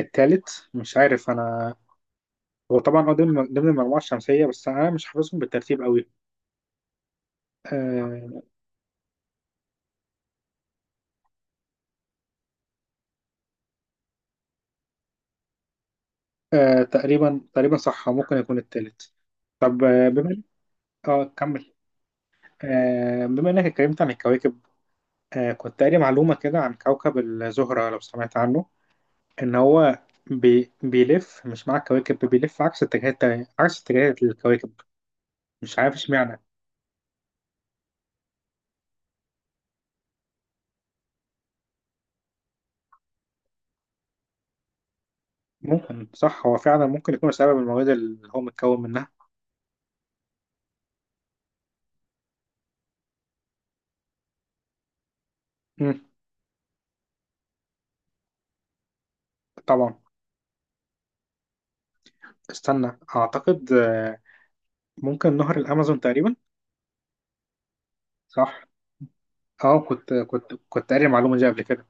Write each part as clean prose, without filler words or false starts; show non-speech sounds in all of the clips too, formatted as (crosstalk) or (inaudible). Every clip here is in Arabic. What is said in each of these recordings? التالت مش عارف انا. هو طبعا هو ضمن المجموعه الشمسيه، بس انا مش حافظهم بالترتيب قوي. آه. آه، تقريبا تقريبا صح، ممكن يكون التالت. طب بما... اه، كمل. آه، بما انك اتكلمت عن الكواكب، آه كنت قاري معلومه كده عن كوكب الزهره، لو سمعت عنه، ان هو بيلف، مش مع الكواكب، بيلف عكس اتجاهات الكواكب. مش عارف اشمعنى. ممكن صح، هو فعلا ممكن يكون بسبب المواد اللي هو متكون منها. مم. طبعا. استنى اعتقد، ممكن نهر الامازون تقريبا. صح. اه، كنت قاري المعلومه دي قبل كده.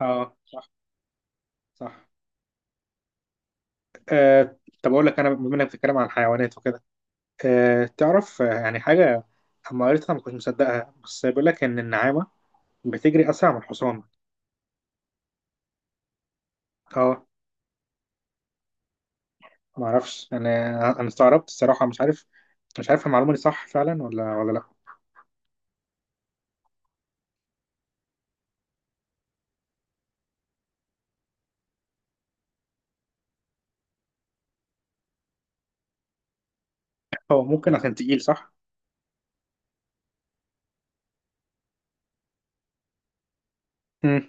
اه، صح صح. آه. طب اقول لك انا، بما انك بتتكلم عن الحيوانات وكده، آه تعرف، يعني حاجه اما قريتها ما كنتش مصدقها، بس بيقول لك ان النعامه بتجري اسرع من الحصان. اه. ما اعرفش انا، انا استغربت الصراحه، مش عارف. مش عارف المعلومه دي صح فعلا ولا لا. هو ممكن عشان تقيل، صح. امم.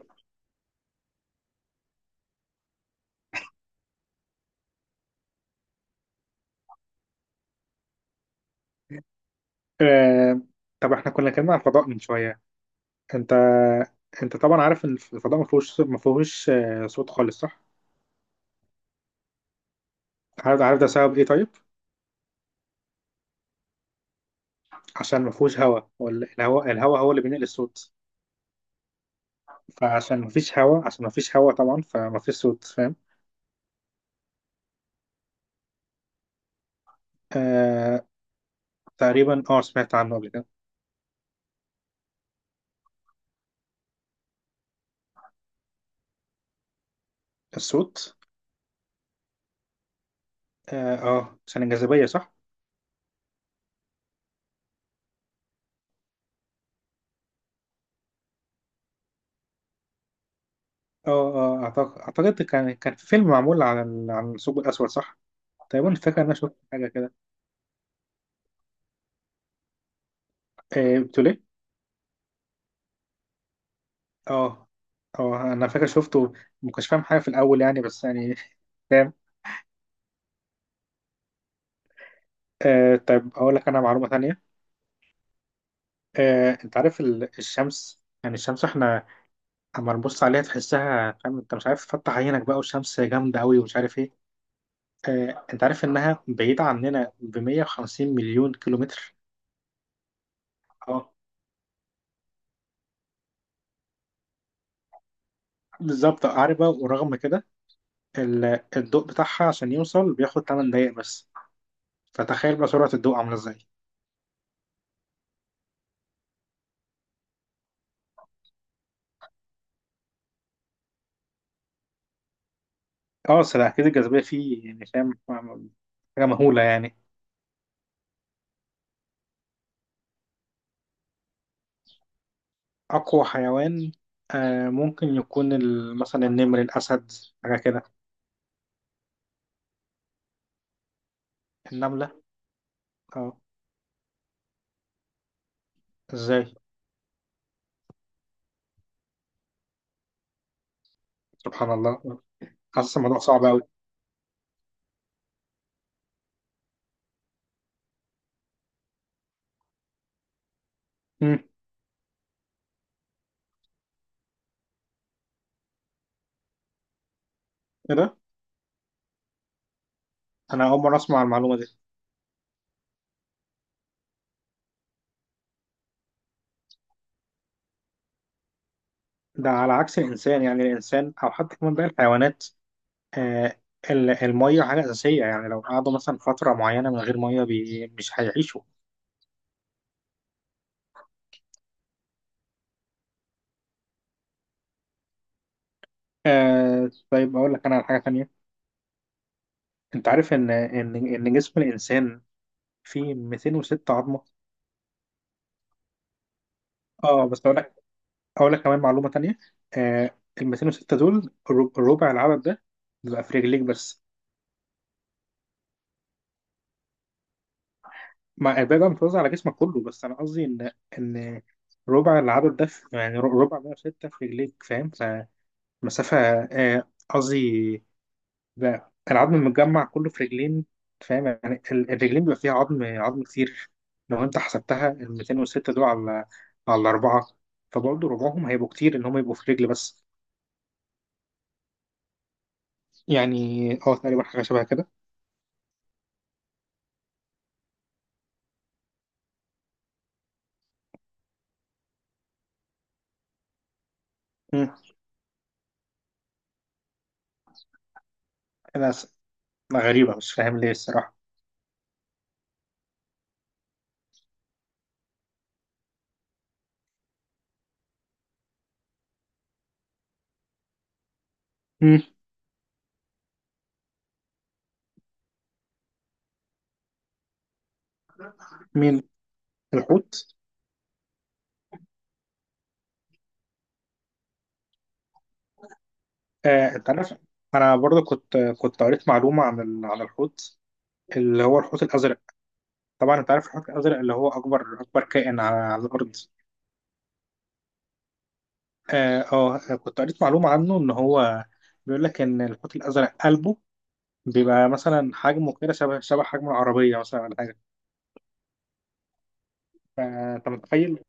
آه، طب احنا كنا عن الفضاء من شويه. انت انت طبعا عارف ان الفضاء ما فيهوش صوت خالص، صح. عارف ده سبب ايه، طيب. عشان ما فيهوش هواء، ولا الهواء هو اللي بينقل الصوت. فعشان ما فيش هواء عشان ما فيش هواء طبعا، فما فيش صوت، فاهم. آه، تقريبا اه سمعت عنه قبل كده. الصوت. اه، عشان الجاذبية صح. اه، اه، اعتقد كان في فيلم معمول عن عن الثقب الاسود، صح. تقريبا فاكر ان انا شفت حاجة كده. آه، بتقول ايه؟ اه، اه انا فاكر شفته. ما كنتش فاهم حاجه في الاول يعني، بس يعني (laughs) فاهم. آه، طيب اقول لك انا معلومه ثانيه. آه، انت عارف الشمس، يعني الشمس احنا اما نبص عليها تحسها فاهم، انت مش عارف تفتح عينك بقى والشمس جامده قوي ومش عارف ايه. آه، انت عارف انها بعيده عننا ب 150 مليون كيلومتر. اه، بالظبط. عارف بقى، ورغم كده الضوء بتاعها عشان يوصل بياخد 8 دقايق بس. فتخيل بقى سرعه الضوء عامله ازاي. اه، أصل أكيد الجاذبية فيه يعني فاهم، حاجة مهولة يعني. أقوى حيوان؟ آه، ممكن يكون مثلا النمر، الأسد، حاجة كده. النملة؟ اه. ازاي؟ سبحان الله. حاسس الموضوع صعب أوي. مم. ايه ده؟ أنا أول مرة أسمع المعلومة دي. ده على عكس الإنسان، يعني الإنسان أو حتى كمان باقي الحيوانات، آه المية حاجة أساسية، يعني لو قعدوا مثلا فترة معينة من غير مية مش هيعيشوا. آه، طيب أقول لك أنا على حاجة تانية. أنت عارف إن جسم الإنسان في 206 عظمه؟ اه، بس اقول لك، كمان معلومه تانية. آه، ال 206 دول الربع العدد ده بيبقى في رجليك بس. مع الباقي بقى متوزع على جسمك كله، بس انا قصدي ان ربع العدد ده يعني ربع 106 في رجليك، فاهم، فمسافه... قصدي بقى العظم المتجمع كله في رجلين، فاهم، يعني الرجلين بيبقى فيها عظم كتير. لو انت حسبتها ال 206 دول على اربعه، فبرضه ربعهم هيبقوا كتير ان هم يبقوا في رجل بس، يعني. اه، تقريبا حاجة شبه كده. مم. أنا س- غريبة مش فاهم ليه الصراحة. مم. مين؟ الحوت. آه، أنت عارف، أنا برضه كنت قريت معلومة عن عن الحوت، اللي هو الحوت الأزرق. طبعا أنت عارف الحوت الأزرق اللي هو أكبر أكبر كائن على الأرض. آه، آه، كنت قريت معلومة عنه، إن هو بيقول لك إن الحوت الأزرق قلبه بيبقى مثلا حجمه كده، شبه حجم العربية مثلا ولا حاجة. فأنت متخيل.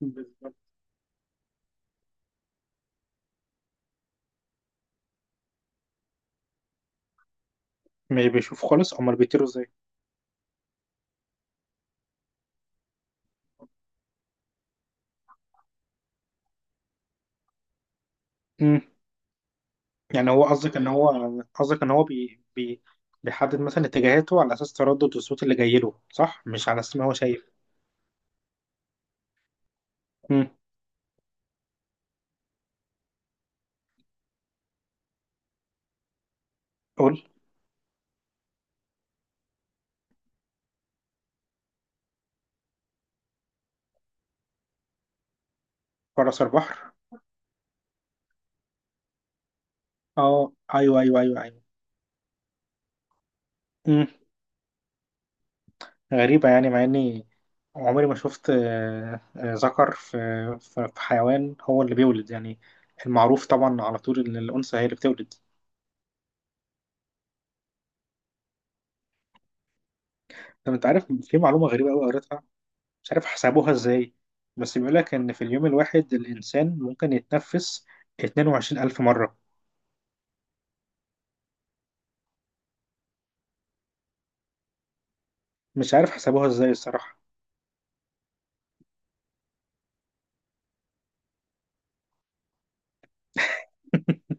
بالظبط؟ مش بيشوف خالص، أمال بيطيروا. إزاي؟ يعني هو قصدك ان هو، بيحدد مثلا اتجاهاته على اساس تردد الصوت اللي جاي له، صح، مش على اساس ما هو شايف. امم. قول. فرس البحر. اه، ايوه ايوه ايوه ايوه. امم. غريبه يعني، مع اني عمري ما شفت، ذكر في في حيوان هو اللي بيولد، يعني المعروف طبعا على طول ان الانثى هي اللي بتولد. طب انت عارف في معلومه غريبه قوي قريتها، مش عارف حسبوها ازاي، بس بيقول لك ان في اليوم الواحد الانسان ممكن يتنفس 22,000 مره. مش عارف حسبوها ازاي الصراحة. (laughs)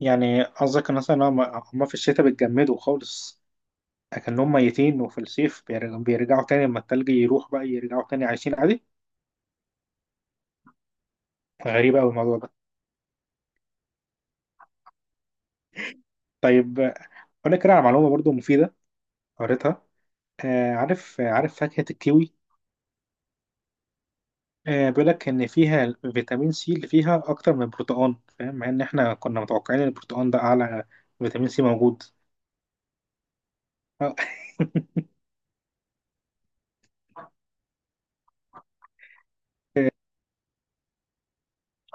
يعني قصدك مثلا هم في الشتاء بيتجمدوا خالص أكنهم ميتين، وفي الصيف بيرجعوا تاني، لما التلج يروح بقى يرجعوا تاني عايشين عادي. غريبة أوي الموضوع ده. طيب أقول لك كده على معلومة برضو مفيدة، قريتها. آه، عارف فاكهة الكيوي؟ آه، بيقول لك إن فيها فيتامين سي اللي فيها أكتر من البرتقال، فاهم، مع إن إحنا كنا متوقعين إن البرتقال ده أعلى فيتامين سي موجود. (laughs)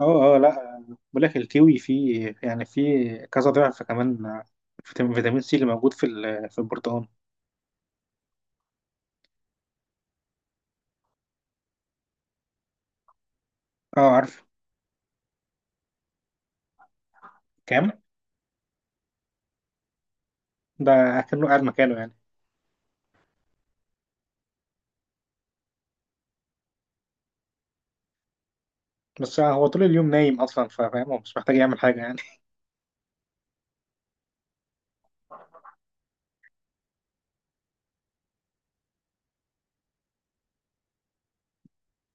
اه، اه، لا، بقول لك الكيوي فيه، يعني فيه كذا ضعف كمان فيتامين سي اللي موجود في في البرتقال. اه، عارف. كام؟ ده كأنه قاعد مكانه يعني. بس هو طول اليوم نايم اصلا، فاهم، هو مش محتاج يعمل حاجه يعني.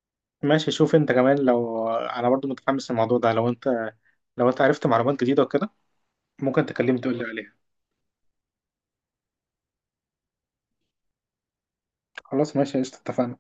(laughs) ماشي، شوف انت كمان، لو انا برضو متحمس للموضوع ده، لو انت عرفت معلومات جديده وكده، ممكن تكلمني تقول لي عليها. خلاص، ماشي قشطه، اتفقنا.